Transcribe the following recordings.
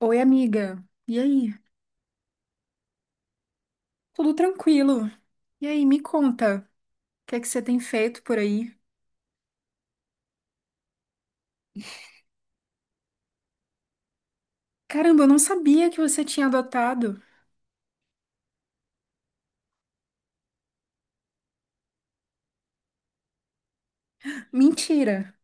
Oi, amiga. E aí? Tudo tranquilo? E aí, me conta, o que é que você tem feito por aí? Caramba, eu não sabia que você tinha adotado. Mentira.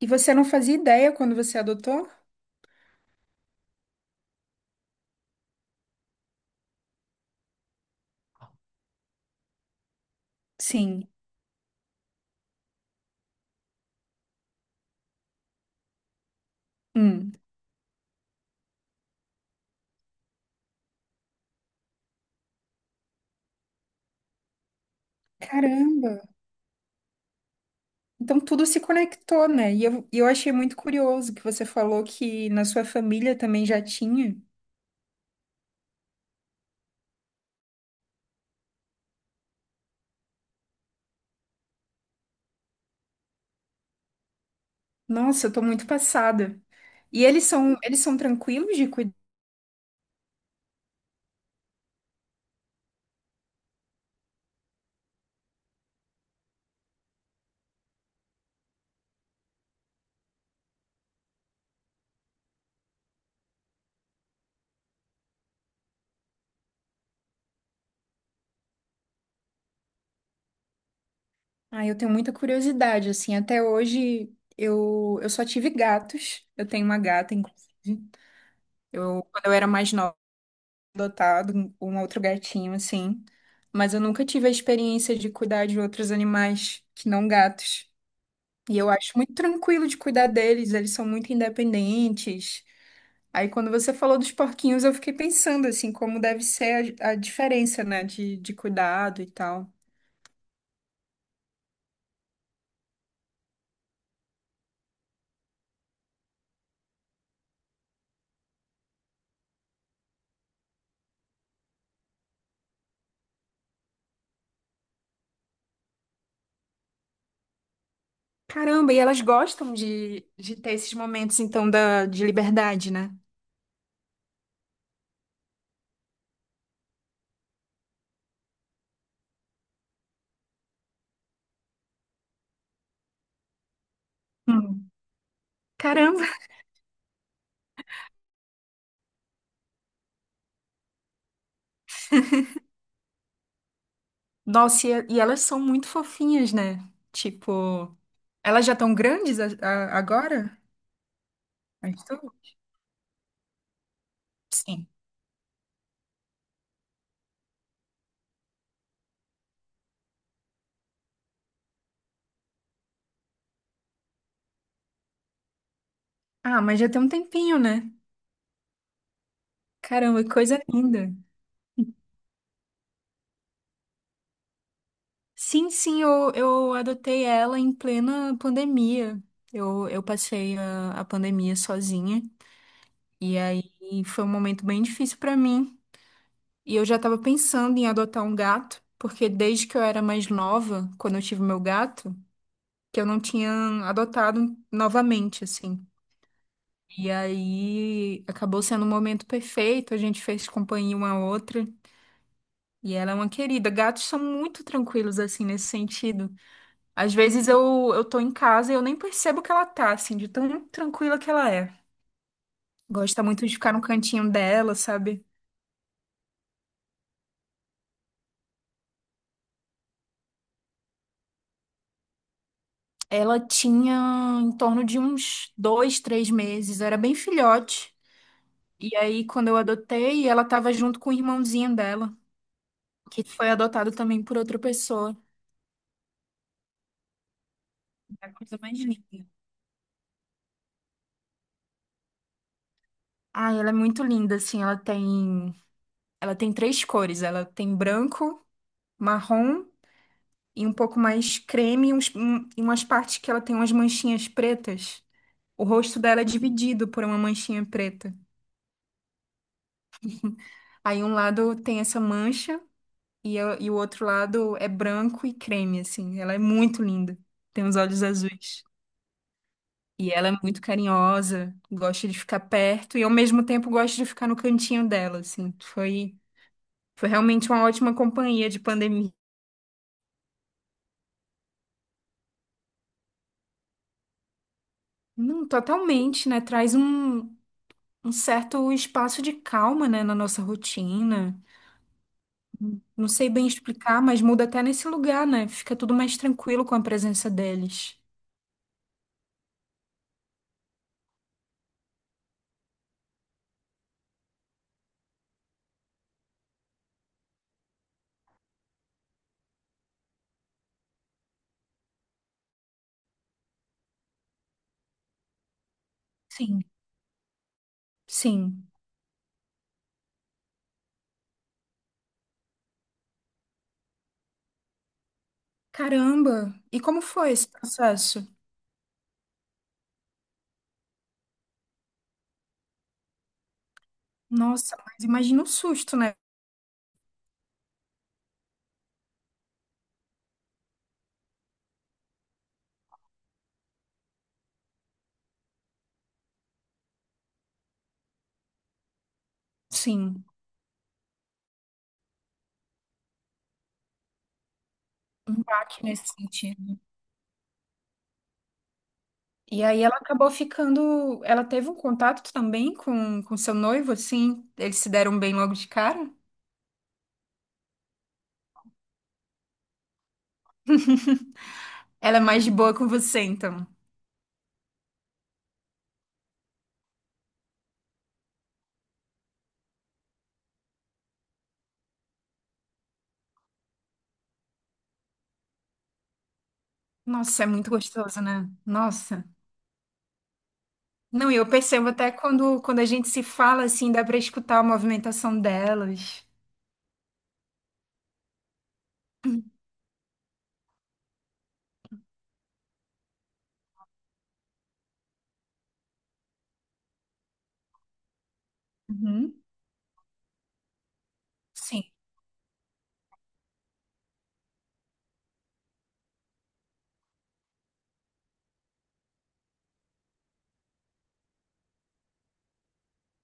E você não fazia ideia quando você adotou? Sim. Hum. Caramba. Então tudo se conectou, né? E eu achei muito curioso que você falou que na sua família também já tinha. Nossa, eu tô muito passada. E eles são tranquilos de cuidar? Ah, eu tenho muita curiosidade, assim, até hoje eu só tive gatos, eu tenho uma gata, inclusive. Eu, quando eu era mais nova, adotado um outro gatinho, assim, mas eu nunca tive a experiência de cuidar de outros animais que não gatos. E eu acho muito tranquilo de cuidar deles, eles são muito independentes. Aí quando você falou dos porquinhos, eu fiquei pensando, assim, como deve ser a diferença, né, de cuidado e tal. Caramba, e elas gostam de ter esses momentos, então, da, de liberdade, né? Hum. Caramba! Nossa, e elas são muito fofinhas, né? Tipo, elas já estão grandes agora? Mas tu? Sim. Ah, mas já tem um tempinho, né? Caramba, que coisa linda. Sim, sim, eu adotei ela em plena pandemia. Eu passei a pandemia sozinha, e aí foi um momento bem difícil pra mim. E eu já estava pensando em adotar um gato, porque desde que eu era mais nova, quando eu tive meu gato, que eu não tinha adotado novamente, assim. E aí acabou sendo um momento perfeito, a gente fez companhia uma à outra. E ela é uma querida. Gatos são muito tranquilos, assim, nesse sentido. Às vezes eu tô em casa e eu nem percebo que ela tá, assim, de tão tranquila que ela é. Gosta muito de ficar no cantinho dela, sabe? Ela tinha em torno de uns dois, três meses, era bem filhote. E aí, quando eu adotei, ela estava junto com o irmãozinho dela, que foi adotado também por outra pessoa. É a coisa mais linda. Ah, ela é muito linda, assim, ela tem três cores, ela tem branco, marrom e um pouco mais creme, e umas partes que ela tem umas manchinhas pretas. O rosto dela é dividido por uma manchinha preta. Aí um lado tem essa mancha. E o outro lado é branco e creme, assim. Ela é muito linda. Tem os olhos azuis. E ela é muito carinhosa, gosta de ficar perto e ao mesmo tempo gosta de ficar no cantinho dela, assim. Foi realmente uma ótima companhia de pandemia. Não, totalmente, né? Traz um certo espaço de calma, né, na nossa rotina. Não sei bem explicar, mas muda até nesse lugar, né? Fica tudo mais tranquilo com a presença deles. Sim, sim. Caramba! E como foi esse processo? Nossa, mas imagina o susto, né? Sim, baque nesse sentido. E aí ela acabou ficando. Ela teve um contato também com seu noivo, assim? Eles se deram bem logo de cara? Ela é mais de boa com você, então. Nossa, é muito gostoso, né? Nossa. Não, e eu percebo até quando a gente se fala, assim, dá pra escutar a movimentação delas. Uhum. Sim.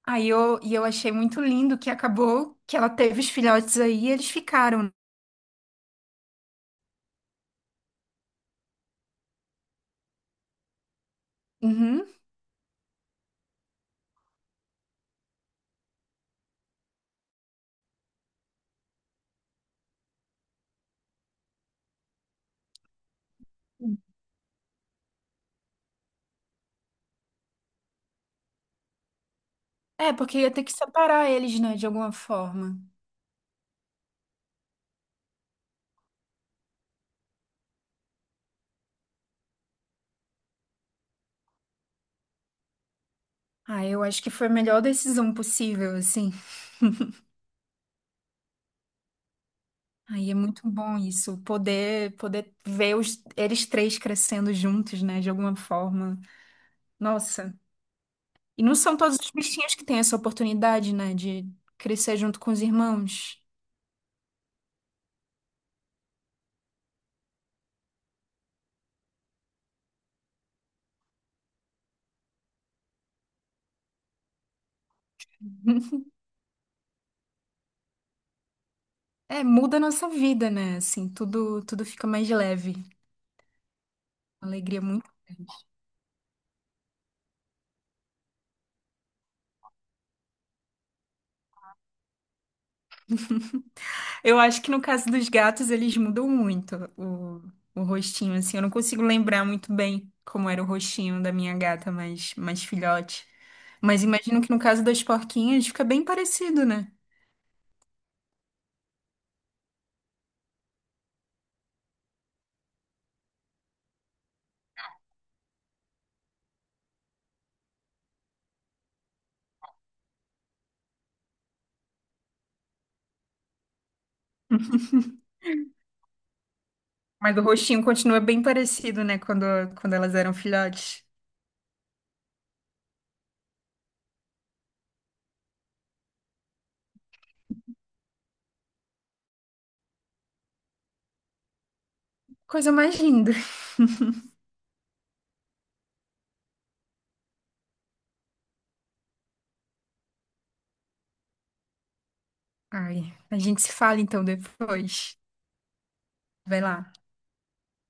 Aí eu achei muito lindo que acabou que ela teve os filhotes aí e eles ficaram. Uhum. É, porque ia ter que separar eles, né, de alguma forma. Ah, eu acho que foi a melhor decisão possível, assim. Aí é muito bom isso, poder ver os, eles três crescendo juntos, né, de alguma forma. Nossa. E não são todos os bichinhos que têm essa oportunidade, né, de crescer junto com os irmãos. É, muda a nossa vida, né? Assim, tudo fica mais leve. Alegria muito. Eu acho que no caso dos gatos, eles mudam muito o rostinho, assim. Eu não consigo lembrar muito bem como era o rostinho da minha gata mais filhote. Mas imagino que no caso das porquinhas fica bem parecido, né? Mas o rostinho continua bem parecido, né? Quando, quando elas eram filhotes. Coisa mais linda. Ai, a gente se fala então depois. Vai lá.